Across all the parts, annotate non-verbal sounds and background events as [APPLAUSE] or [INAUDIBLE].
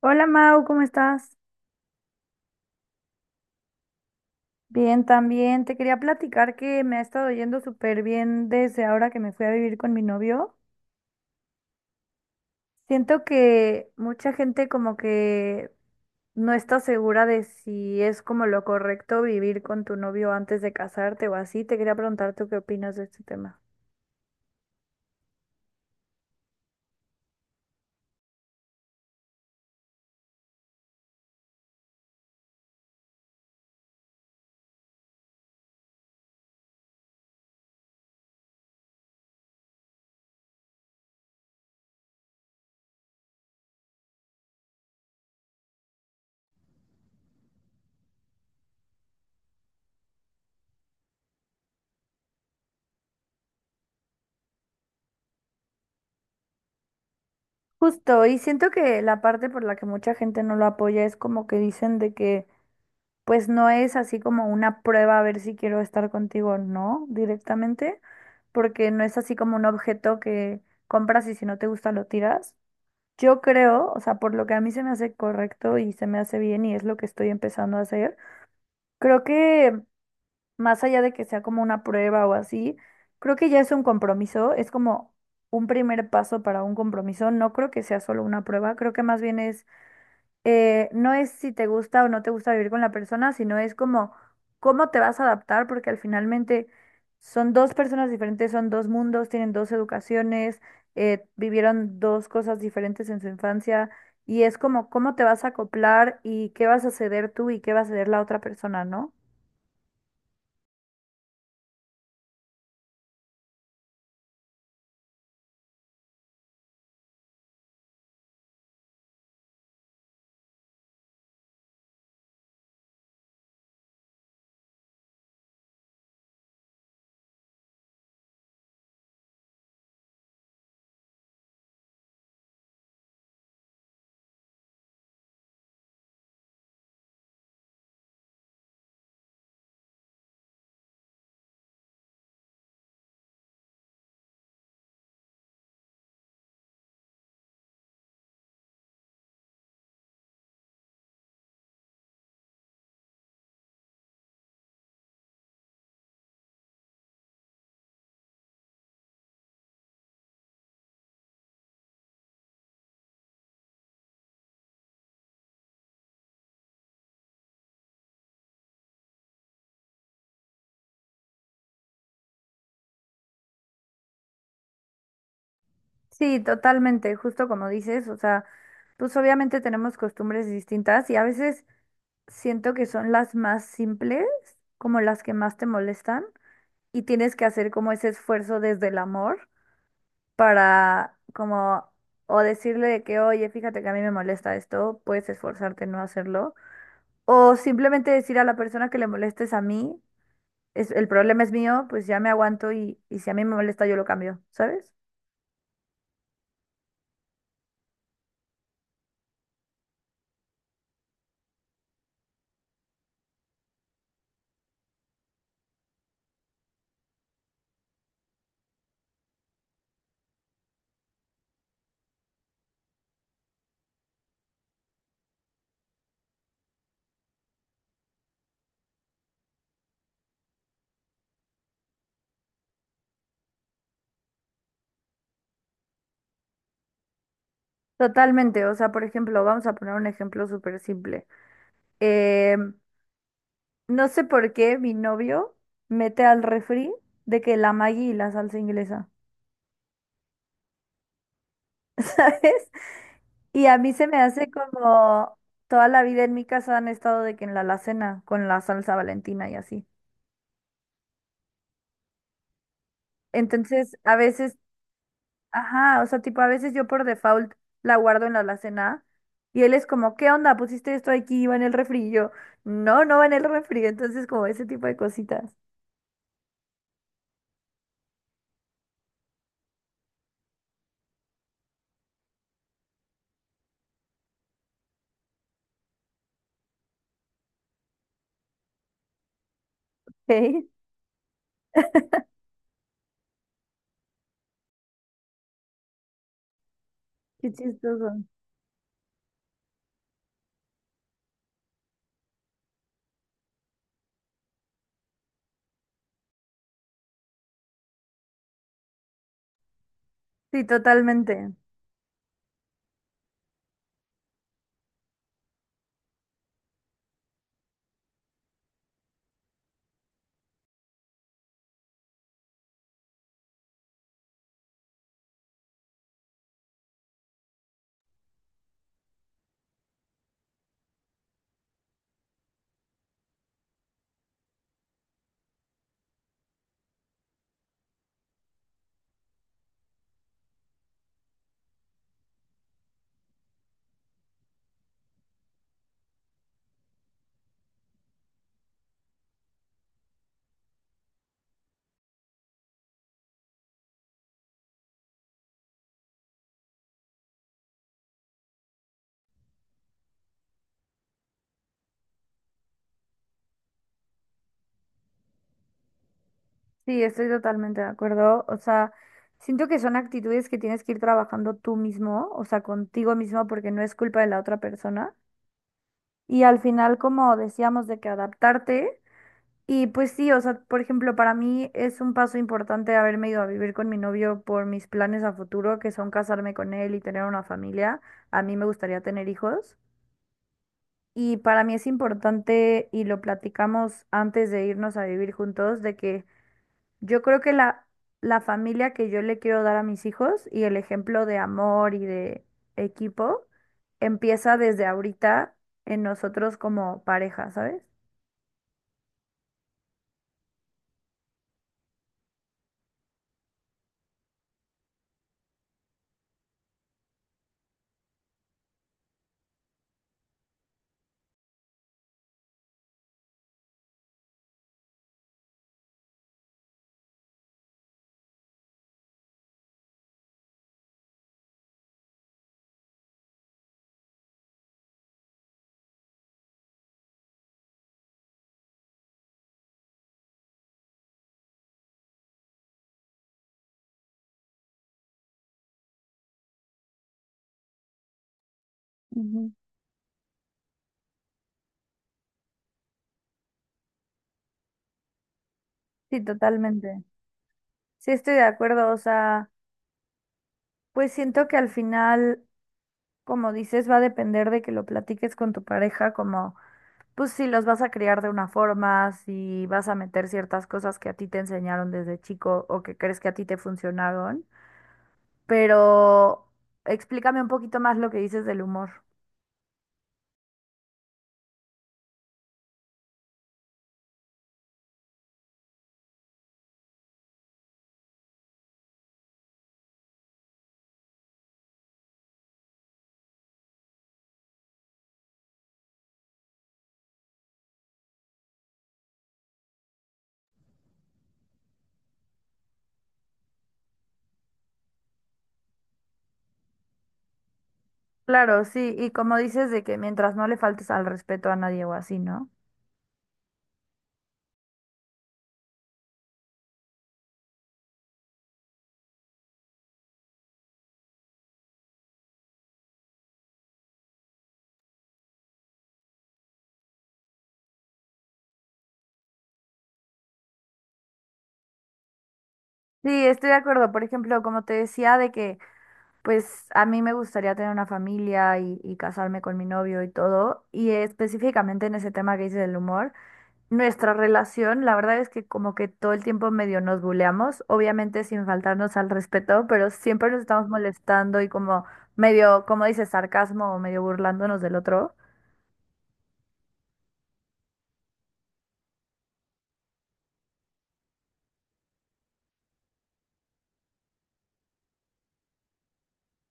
Hola Mau, ¿cómo estás? Bien, también. Te quería platicar que me ha estado yendo súper bien desde ahora que me fui a vivir con mi novio. Siento que mucha gente como que no está segura de si es como lo correcto vivir con tu novio antes de casarte o así. Te quería preguntar tú qué opinas de este tema. Justo, y siento que la parte por la que mucha gente no lo apoya es como que dicen de que pues no es así como una prueba a ver si quiero estar contigo o no directamente, porque no es así como un objeto que compras y si no te gusta lo tiras. Yo creo, o sea, por lo que a mí se me hace correcto y se me hace bien y es lo que estoy empezando a hacer, creo que más allá de que sea como una prueba o así, creo que ya es un compromiso, es como un primer paso para un compromiso, no creo que sea solo una prueba, creo que más bien es no es si te gusta o no te gusta vivir con la persona, sino es como cómo te vas a adaptar, porque al finalmente son dos personas diferentes, son dos mundos, tienen dos educaciones, vivieron dos cosas diferentes en su infancia, y es como cómo te vas a acoplar y qué vas a ceder tú y qué va a ceder la otra persona, ¿no? Sí, totalmente, justo como dices, o sea, pues obviamente tenemos costumbres distintas y a veces siento que son las más simples, como las que más te molestan. Y tienes que hacer como ese esfuerzo desde el amor para como o decirle de que, oye, fíjate que a mí me molesta esto, puedes esforzarte en no hacerlo, o simplemente decir a la persona que le molestes a mí, es, el problema es mío, pues ya me aguanto y si a mí me molesta yo lo cambio, ¿sabes? Totalmente, o sea, por ejemplo, vamos a poner un ejemplo súper simple. Em, no sé por qué mi novio mete al refri de que la Maggi y la salsa inglesa, [LAUGHS] ¿sabes? Y a mí se me hace como toda la vida en mi casa han estado de que en la alacena con la salsa Valentina y así. Entonces, a veces, ajá, o sea, tipo, a veces yo por default la guardo en la alacena y él es como, ¿qué onda? ¿Pusiste esto aquí? ¿Iba en el refri? Y yo, no, no va en el refri. Entonces, como ese tipo de cositas. [LAUGHS] ¿Eh? Qué chistoso. Sí, totalmente. Sí, estoy totalmente de acuerdo. O sea, siento que son actitudes que tienes que ir trabajando tú mismo, o sea, contigo mismo, porque no es culpa de la otra persona. Y al final, como decíamos, de que adaptarte. Y pues sí, o sea, por ejemplo, para mí es un paso importante haberme ido a vivir con mi novio por mis planes a futuro, que son casarme con él y tener una familia. A mí me gustaría tener hijos. Y para mí es importante, y lo platicamos antes de irnos a vivir juntos, de que yo creo que la familia que yo le quiero dar a mis hijos y el ejemplo de amor y de equipo empieza desde ahorita en nosotros como pareja, ¿sabes? Ujú. Sí, totalmente. Sí, estoy de acuerdo. O sea, pues siento que al final, como dices, va a depender de que lo platiques con tu pareja, como, pues si los vas a criar de una forma, si vas a meter ciertas cosas que a ti te enseñaron desde chico o que crees que a ti te funcionaron. Pero explícame un poquito más lo que dices del humor. Claro, sí, y como dices de que mientras no le faltes al respeto a nadie o así, ¿no? Sí, estoy de acuerdo. Por ejemplo, como te decía, de que pues a mí me gustaría tener una familia y casarme con mi novio y todo. Y específicamente en ese tema que dices del humor, nuestra relación, la verdad es que como que todo el tiempo medio nos buleamos, obviamente sin faltarnos al respeto, pero siempre nos estamos molestando y como medio, como dices sarcasmo o medio burlándonos del otro.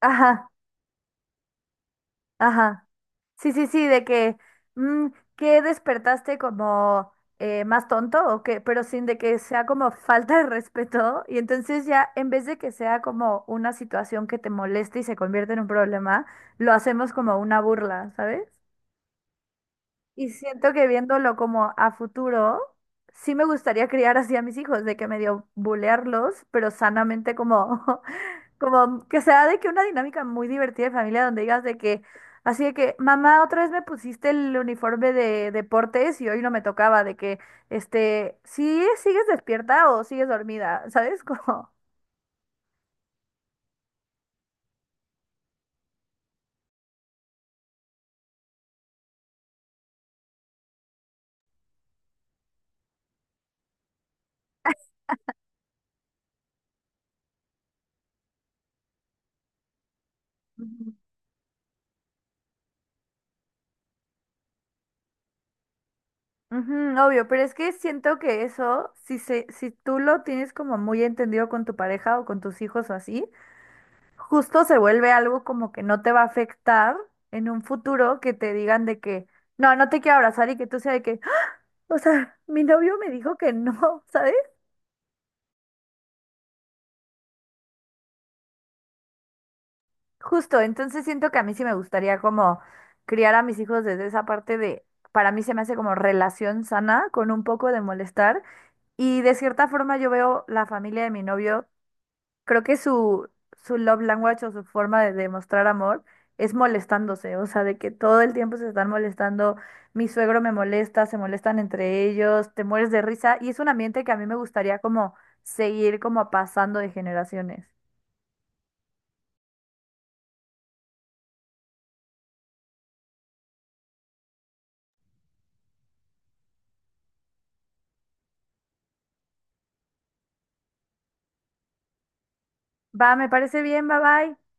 Ajá. Ajá. Sí, sí, sí, de que, mm, que despertaste como más tonto o qué, pero sin de que sea como falta de respeto. Y entonces ya, en vez de que sea como una situación que te moleste y se convierte en un problema, lo hacemos como una burla, ¿sabes? Y siento que viéndolo como a futuro, sí me gustaría criar así a mis hijos, de que medio bulearlos, pero sanamente como [LAUGHS] como que sea de que una dinámica muy divertida de familia donde digas de que, así de que, mamá, otra vez me pusiste el uniforme de deportes y hoy no me tocaba, de que, este, sí, sigues despierta o sigues dormida, ¿sabes? [LAUGHS] Como, ujú. Ujú, obvio, pero es que siento que eso, si se, si tú lo tienes como muy entendido con tu pareja o con tus hijos o así, justo se vuelve algo como que no te va a afectar en un futuro que te digan de que, no, no te quiero abrazar y que tú sea de que o sea, mi novio me dijo que no, [LAUGHS] ¿sabes? Justo, entonces siento que a mí sí me gustaría como criar a mis hijos desde esa parte de, para mí se me hace como relación sana con un poco de molestar y de cierta forma yo veo la familia de mi novio, creo que su love language o su forma de demostrar amor es molestándose, o sea, de que todo el tiempo se están molestando, mi suegro me molesta, se molestan entre ellos, te mueres de risa y es un ambiente que a mí me gustaría como seguir como pasando de generaciones. Va, me parece bien, bye bye.